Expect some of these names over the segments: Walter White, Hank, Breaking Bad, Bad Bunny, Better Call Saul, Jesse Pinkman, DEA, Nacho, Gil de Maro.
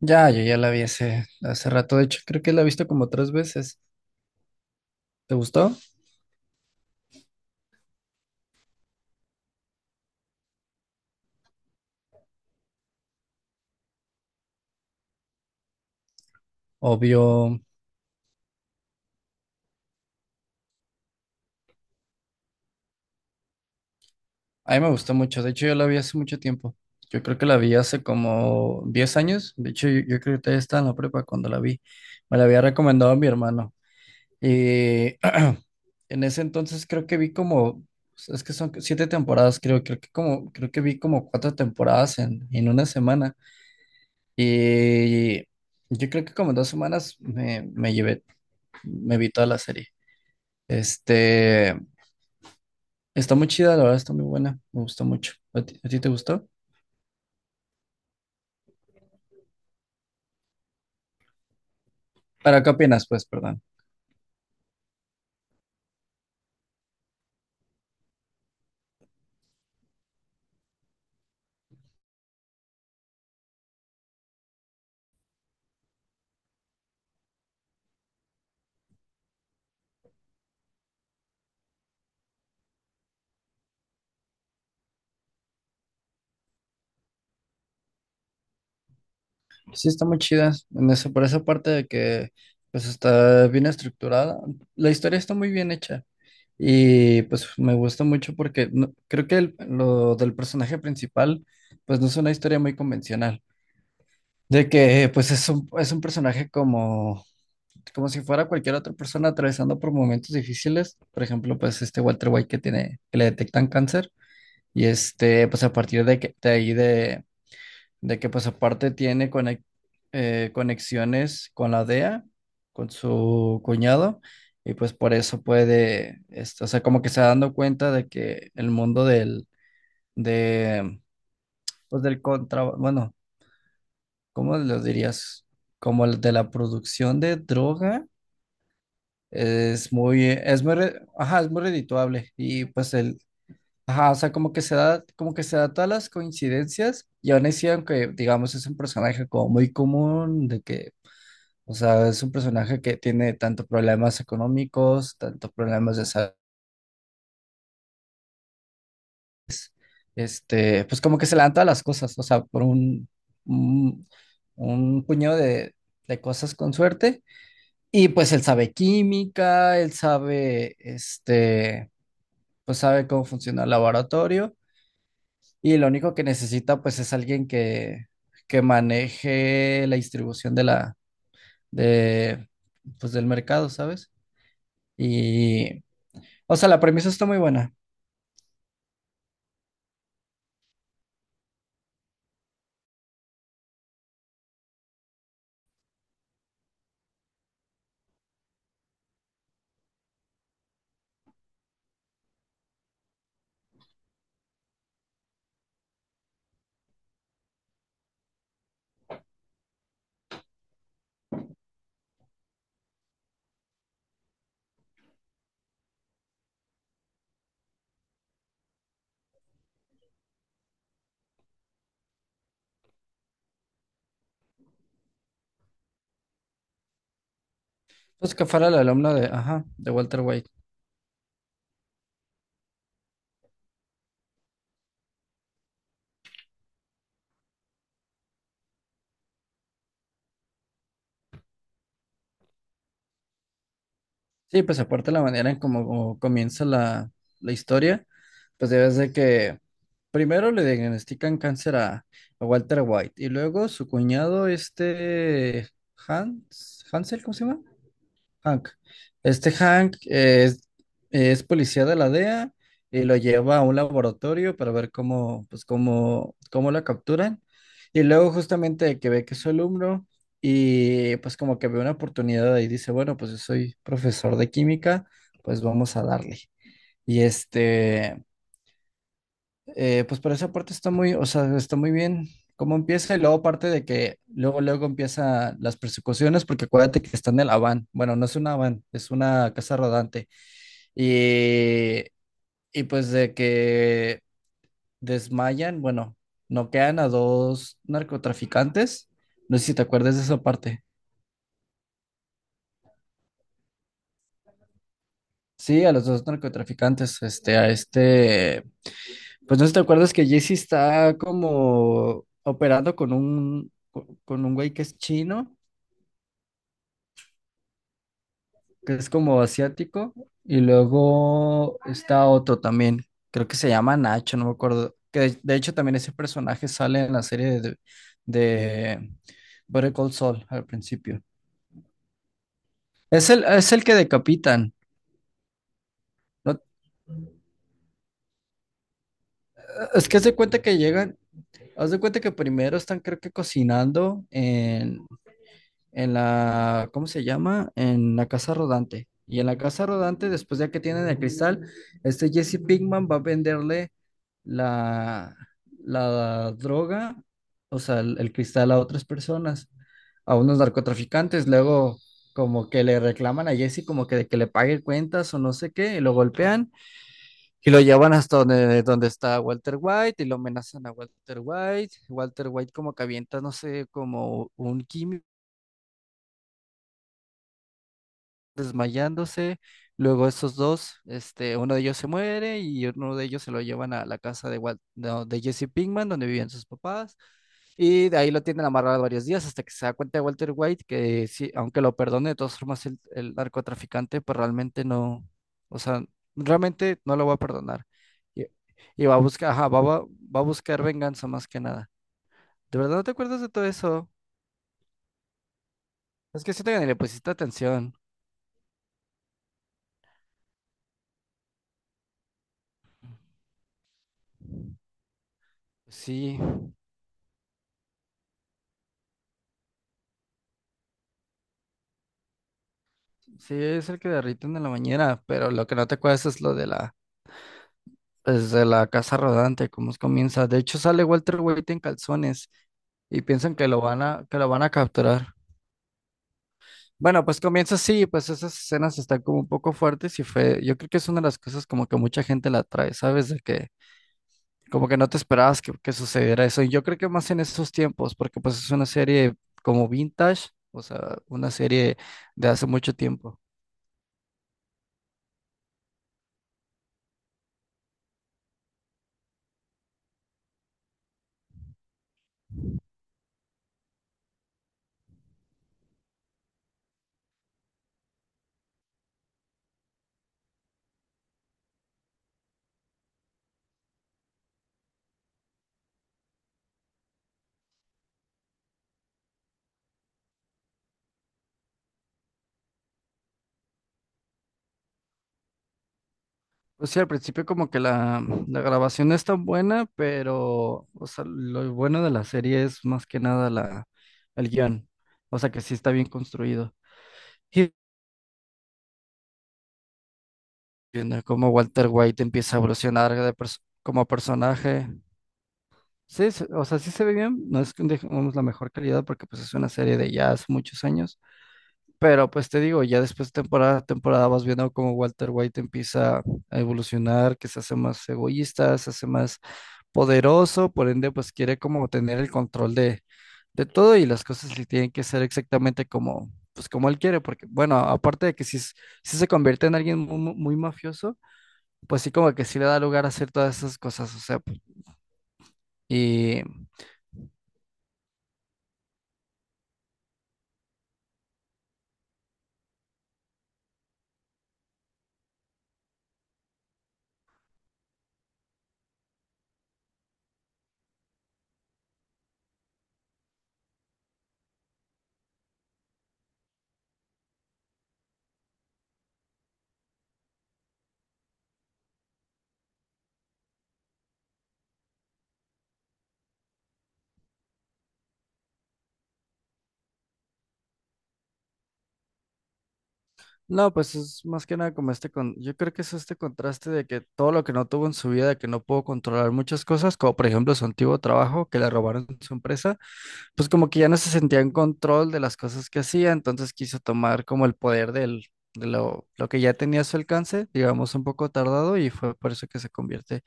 Ya, yo ya la vi hace rato. De hecho, creo que la he visto como 3 veces. ¿Te gustó? Obvio. A mí me gustó mucho. De hecho, yo la vi hace mucho tiempo. Yo creo que la vi hace como 10 años. De hecho, yo creo que todavía estaba en la prepa cuando la vi. Me la había recomendado mi hermano. Y en ese entonces creo que vi como, es que son 7 temporadas, creo, creo que como, creo que vi como 4 temporadas en 1 semana. Y yo creo que como en 2 semanas me llevé, me vi toda la serie. Este, Está muy chida, la verdad, está muy buena, me gustó mucho. ¿A ti te gustó? ¿Para qué opinas, pues, perdón? Sí, está muy chida, por esa parte de que, pues, está bien estructurada. La historia está muy bien hecha y, pues, me gusta mucho porque creo que lo del personaje principal, pues, no es una historia muy convencional. De que, pues, es un personaje como, como si fuera cualquier otra persona atravesando por momentos difíciles. Por ejemplo, pues, este Walter White que tiene, que le detectan cáncer. Y este, pues a partir de, que, de ahí, de que pues aparte tiene conexiones con la DEA, con su cuñado, y pues por eso puede, este, o sea, como que se está dando cuenta de que el mundo del, de, pues del bueno, ¿cómo lo dirías? Como el de la producción de droga, ajá, es muy redituable, y pues el, ajá. O sea, como que se da todas las coincidencias y aún así, aunque digamos es un personaje como muy común, de que, o sea, es un personaje que tiene tanto problemas económicos, tanto problemas de salud, este, pues como que se le dan todas las cosas, o sea, un, un puñado de cosas con suerte y pues él sabe química, él sabe, este, pues sabe cómo funciona el laboratorio. Y lo único que necesita pues es alguien que maneje la distribución de la, de, pues del mercado, ¿sabes? Y, o sea, la premisa está muy buena. Pues que fuera el alumno de, ajá, de Walter White. Sí, pues aparte la manera en cómo comienza la, la historia, pues debes de que primero le diagnostican cáncer a Walter White y luego su cuñado, este Hans, Hansel, ¿cómo se llama? Hank. Este Hank es policía de la DEA y lo lleva a un laboratorio para ver cómo, cómo la capturan. Y luego justamente que ve que es su alumno y pues como que ve una oportunidad y dice, bueno, pues yo soy profesor de química, pues vamos a darle. Y este, pues por esa parte está muy, o sea, está muy bien cómo empieza y luego parte de que luego empiezan las persecuciones porque acuérdate que está en el Avan. Bueno, no es una van, es una casa rodante. Y, y pues de que desmayan, bueno, noquean a 2 narcotraficantes. No sé si te acuerdas de esa parte. Sí, a los 2 narcotraficantes, pues no sé si te acuerdas que Jesse está como operando con un güey que es chino, que es como asiático, y luego está otro también, creo que se llama Nacho, no me acuerdo, que de hecho también ese personaje sale en la serie de Better Call Saul al principio. Es el que decapitan, ¿no? Es que haz de cuenta que primero están creo que cocinando en ¿cómo se llama? En la casa rodante. Y en la casa rodante, después ya que tienen el cristal, este Jesse Pinkman va a venderle la, la droga, o sea, el cristal a otras personas, a unos narcotraficantes. Luego, como que le reclaman a Jesse como que, de que le pague cuentas o no sé qué, y lo golpean y lo llevan hasta donde está Walter White y lo amenazan a Walter White. Walter White como que avienta, no sé, como un químico desmayándose. Luego esos dos, este, uno de ellos se muere y uno de ellos se lo llevan a la casa de, Wal- no, de Jesse Pinkman, donde vivían sus papás. Y de ahí lo tienen amarrado varios días hasta que se da cuenta de Walter White que sí, aunque lo perdone, de todas formas el narcotraficante, pues realmente no, o sea, realmente no lo va a perdonar. Y, y va a buscar, ajá, va a buscar venganza más que nada. ¿De verdad no te acuerdas de todo eso? Es que siento que ni le pusiste atención. Sí. Sí, es el que derriten en la bañera, pero lo que no te acuerdas es lo de la, es de la casa rodante, comienza. De hecho, sale Walter White en calzones y piensan que que lo van a capturar. Bueno, pues comienza así, pues esas escenas están como un poco fuertes y fue, yo creo que es una de las cosas como que mucha gente la trae, ¿sabes? De que como que no te esperabas que sucediera eso. Y yo creo que más en esos tiempos, porque pues es una serie como vintage, o sea, una serie de hace mucho tiempo. Pues sí, al principio como que la grabación no es tan buena, pero o sea, lo bueno de la serie es más que nada la, el guión. O sea que sí está bien construido. Y viendo cómo Walter White empieza a evolucionar como personaje. O sea, sí se ve bien. No es que digamos la mejor calidad porque pues es una serie de ya hace muchos años. Pero pues te digo, ya después de temporada a temporada vas viendo cómo Walter White empieza a evolucionar, que se hace más egoísta, se hace más poderoso, por ende, pues quiere como tener el control de todo y las cosas le tienen que ser exactamente como, pues como él quiere, porque bueno, aparte de que si se convierte en alguien muy mafioso, pues sí como que sí le da lugar a hacer todas esas cosas, o sea, y no, pues es más que nada como yo creo que es este contraste de que todo lo que no tuvo en su vida, de que no pudo controlar muchas cosas, como por ejemplo su antiguo trabajo, que le robaron su empresa, pues como que ya no se sentía en control de las cosas que hacía, entonces quiso tomar como el poder del, de lo que ya tenía a su alcance, digamos un poco tardado, y fue por eso que se convierte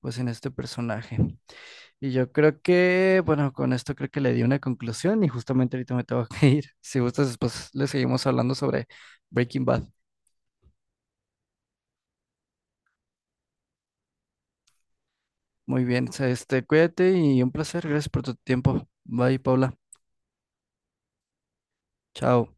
pues en este personaje. Y yo creo que, bueno, con esto creo que le di una conclusión y justamente ahorita me tengo que ir. Si gustas, después le seguimos hablando sobre Breaking Bad. Muy bien, este, cuídate y un placer, gracias por tu tiempo. Bye, Paula. Chao.